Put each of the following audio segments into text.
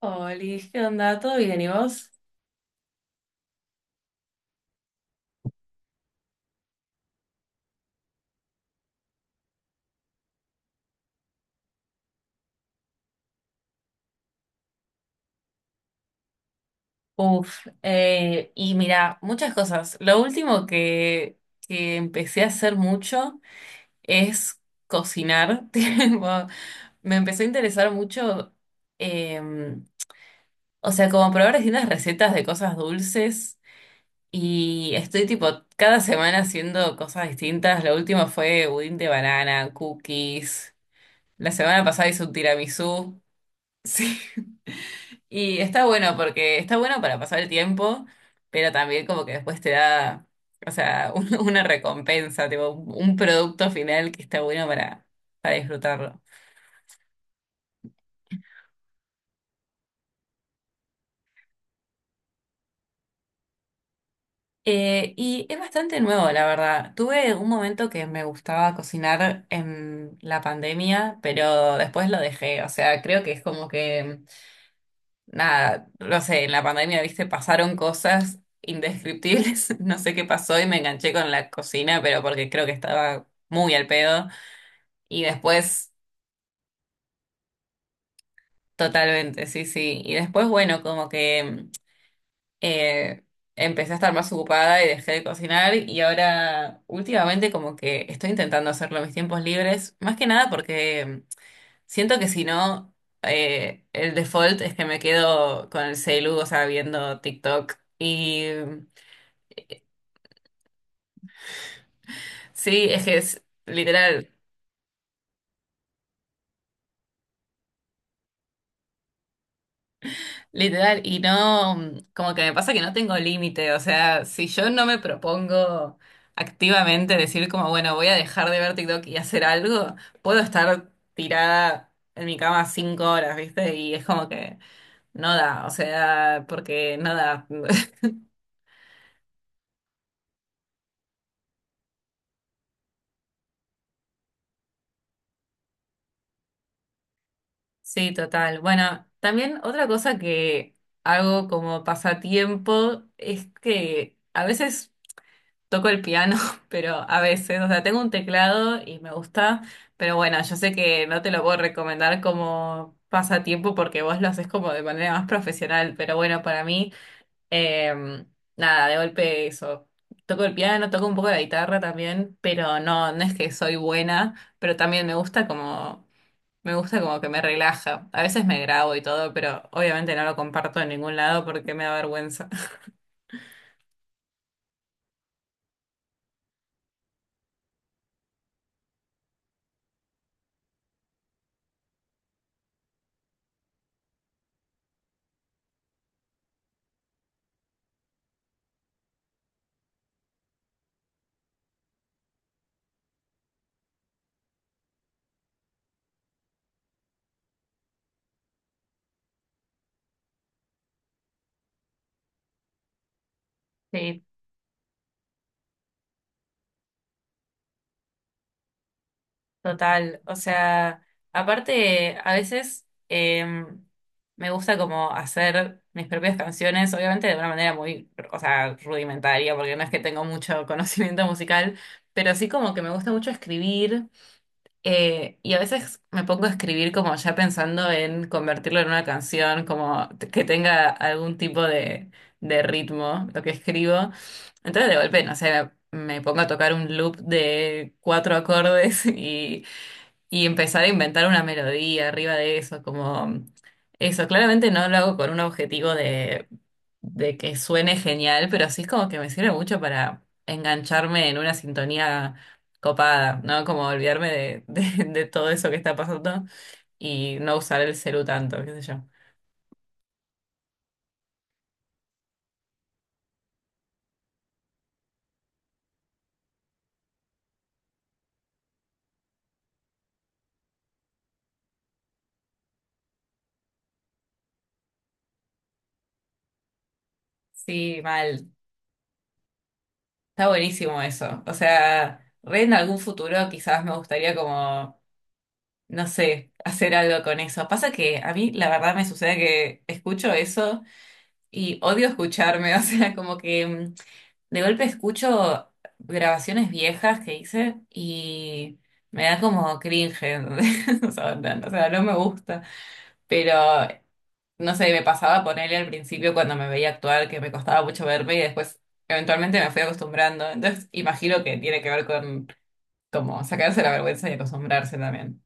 Oli, ¿qué onda? ¿Todo bien? ¿Y vos? Uf, y mira, muchas cosas. Lo último que empecé a hacer mucho es cocinar. Tipo, me empezó a interesar mucho, em, o sea, como probar distintas recetas de cosas dulces. Y estoy tipo cada semana haciendo cosas distintas. Lo último fue budín de banana, cookies. La semana pasada hice un tiramisú. Sí. Y está bueno porque está bueno para pasar el tiempo, pero también como que después te da, o sea, una recompensa, tipo un producto final que está bueno para disfrutarlo. Y es bastante nuevo, la verdad. Tuve un momento que me gustaba cocinar en la pandemia, pero después lo dejé. O sea, creo que es como que nada, no sé, en la pandemia, viste, pasaron cosas indescriptibles, no sé qué pasó y me enganché con la cocina, pero porque creo que estaba muy al pedo. Y después, totalmente, sí, sí. Y después, bueno, como que eh, empecé a estar más ocupada y dejé de cocinar y ahora últimamente como que estoy intentando hacerlo en mis tiempos libres, más que nada porque siento que si no... el default es que me quedo con el celu, o sea, viendo TikTok. Y sí, es que es literal, literal, y no, como que me pasa que no tengo límite, o sea, si yo no me propongo activamente decir como, bueno, voy a dejar de ver TikTok y hacer algo, puedo estar tirada en mi cama 5 horas, ¿viste? Y es como que no da, o sea, porque no da. Sí, total. Bueno, también otra cosa que hago como pasatiempo es que a veces toco el piano, pero a veces, o sea, tengo un teclado y me gusta, pero bueno, yo sé que no te lo puedo recomendar como pasatiempo porque vos lo haces como de manera más profesional, pero bueno, para mí, eh, nada, de golpe eso. Toco el piano, toco un poco la guitarra también, pero no, no es que soy buena, pero también me gusta como que me relaja. A veces me grabo y todo, pero obviamente no lo comparto en ningún lado porque me da vergüenza. Sí, total, o sea, aparte a veces me gusta como hacer mis propias canciones, obviamente de una manera muy, o sea, rudimentaria, porque no es que tengo mucho conocimiento musical, pero sí como que me gusta mucho escribir y a veces me pongo a escribir como ya pensando en convertirlo en una canción, como que tenga algún tipo de, ritmo lo que escribo. Entonces de golpe, no sé, me pongo a tocar un loop de cuatro acordes y empezar a inventar una melodía arriba de eso, como eso. Claramente no lo hago con un objetivo de, que suene genial, pero sí es como que me sirve mucho para engancharme en una sintonía copada, ¿no? Como olvidarme de, de todo eso que está pasando y no usar el celu tanto, qué sé yo. Sí, mal. Está buenísimo eso. O sea, re en algún futuro quizás me gustaría como, no sé, hacer algo con eso. Pasa que a mí la verdad me sucede que escucho eso. Y odio escucharme, o sea, como que de golpe escucho grabaciones viejas que hice y me da como cringe, ¿entendés? O sea, no, o sea, no me gusta. Pero, no sé, me pasaba ponerle al principio cuando me veía actuar que me costaba mucho verme y después eventualmente me fui acostumbrando. Entonces, imagino que tiene que ver con como sacarse la vergüenza y acostumbrarse también.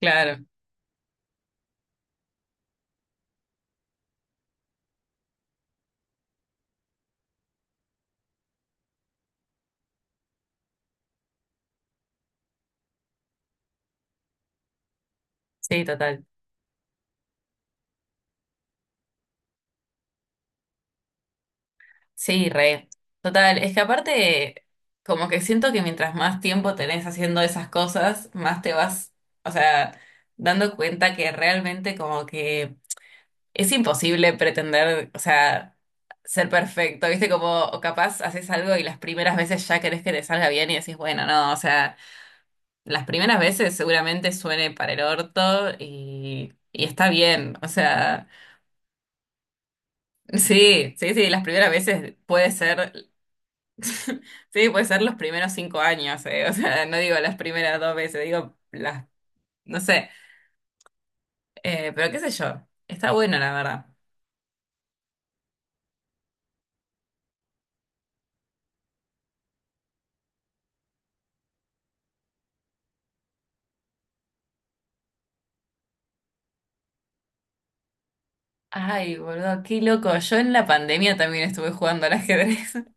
Claro, sí, total. Sí, re. Total, es que aparte, como que siento que mientras más tiempo tenés haciendo esas cosas, más te vas, o sea, dando cuenta que realmente como que es imposible pretender, o sea, ser perfecto, ¿viste? Como o capaz haces algo y las primeras veces ya querés que te salga bien y decís, bueno, no, o sea, las primeras veces seguramente suene para el orto y está bien, o sea, sí, sí, sí, las primeras veces puede ser. Sí, puede ser los primeros 5 años, o sea, no digo las primeras dos veces, digo las, no sé, pero qué sé yo, está bueno la verdad. Ay, boludo, qué loco. Yo en la pandemia también estuve jugando al ajedrez.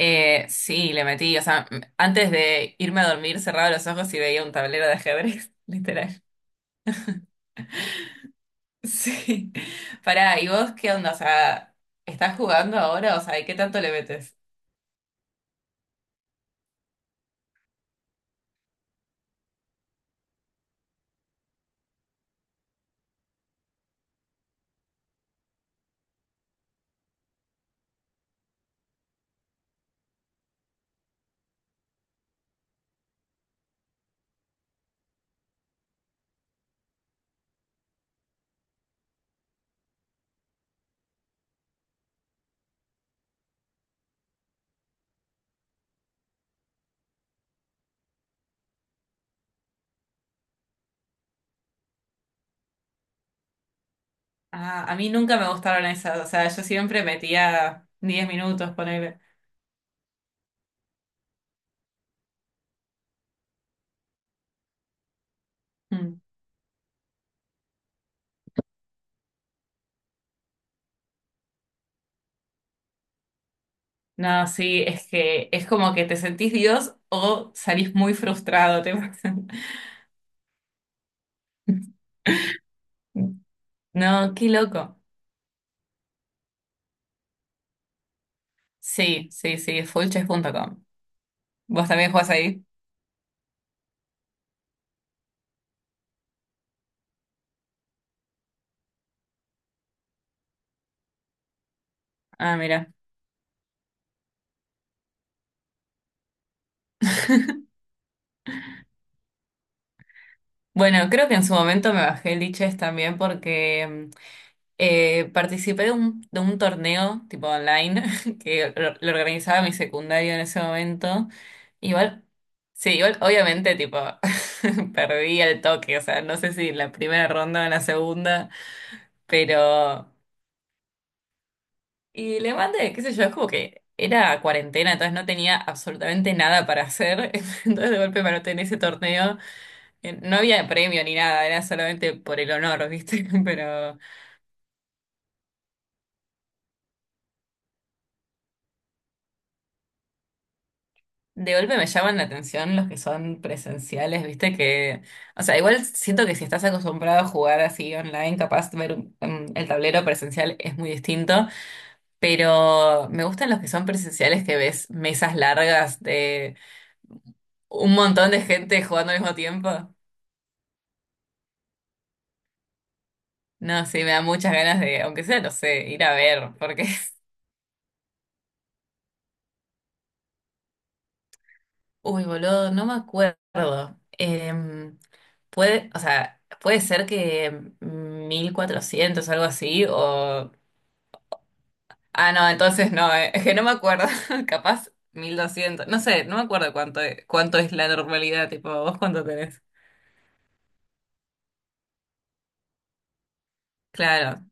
Sí, le metí, o sea, antes de irme a dormir cerraba los ojos y veía un tablero de ajedrez, literal. Sí. Pará, ¿y vos qué onda? O sea, ¿estás jugando ahora? O sea, ¿y qué tanto le metes? Ah, a mí nunca me gustaron esas, o sea, yo siempre metía 10 minutos, ponele. Mm. No, sí, es que es como que te sentís Dios o salís muy frustrado, te pasan. No, qué loco. Sí, sí, sí, fullchess.com. ¿Vos también jugás ahí? Ah, mira. Bueno, creo que en su momento me bajé el Lichess también porque participé de un, torneo tipo online que lo organizaba mi secundario en ese momento. Igual, sí, igual obviamente tipo perdí el toque, o sea, no sé si en la primera ronda o en la segunda, pero... Y le mandé, qué sé yo, es como que era cuarentena, entonces no tenía absolutamente nada para hacer, entonces de golpe me anoté en ese torneo, no había premio ni nada, era solamente por el honor, ¿viste? Pero... De golpe me llaman la atención los que son presenciales, viste que, o sea, igual siento que si estás acostumbrado a jugar así online, capaz de ver el tablero presencial es muy distinto, pero me gustan los que son presenciales que ves mesas largas de un montón de gente jugando al mismo tiempo. No, sí, me da muchas ganas de, aunque sea, no sé, ir a ver, porque, uy, boludo, no me acuerdo. Puede, o sea, puede ser que 1400 algo así, o... Ah, no, entonces no, es que no me acuerdo. Capaz 1200, no sé, no me acuerdo cuánto es la normalidad. Tipo, ¿vos cuánto tenés? Claro,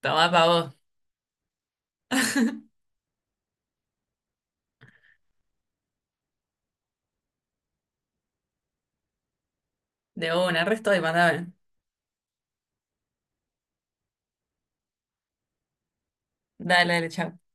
toma pa' vos. De una, resto y mandame. Dale, dale, chao.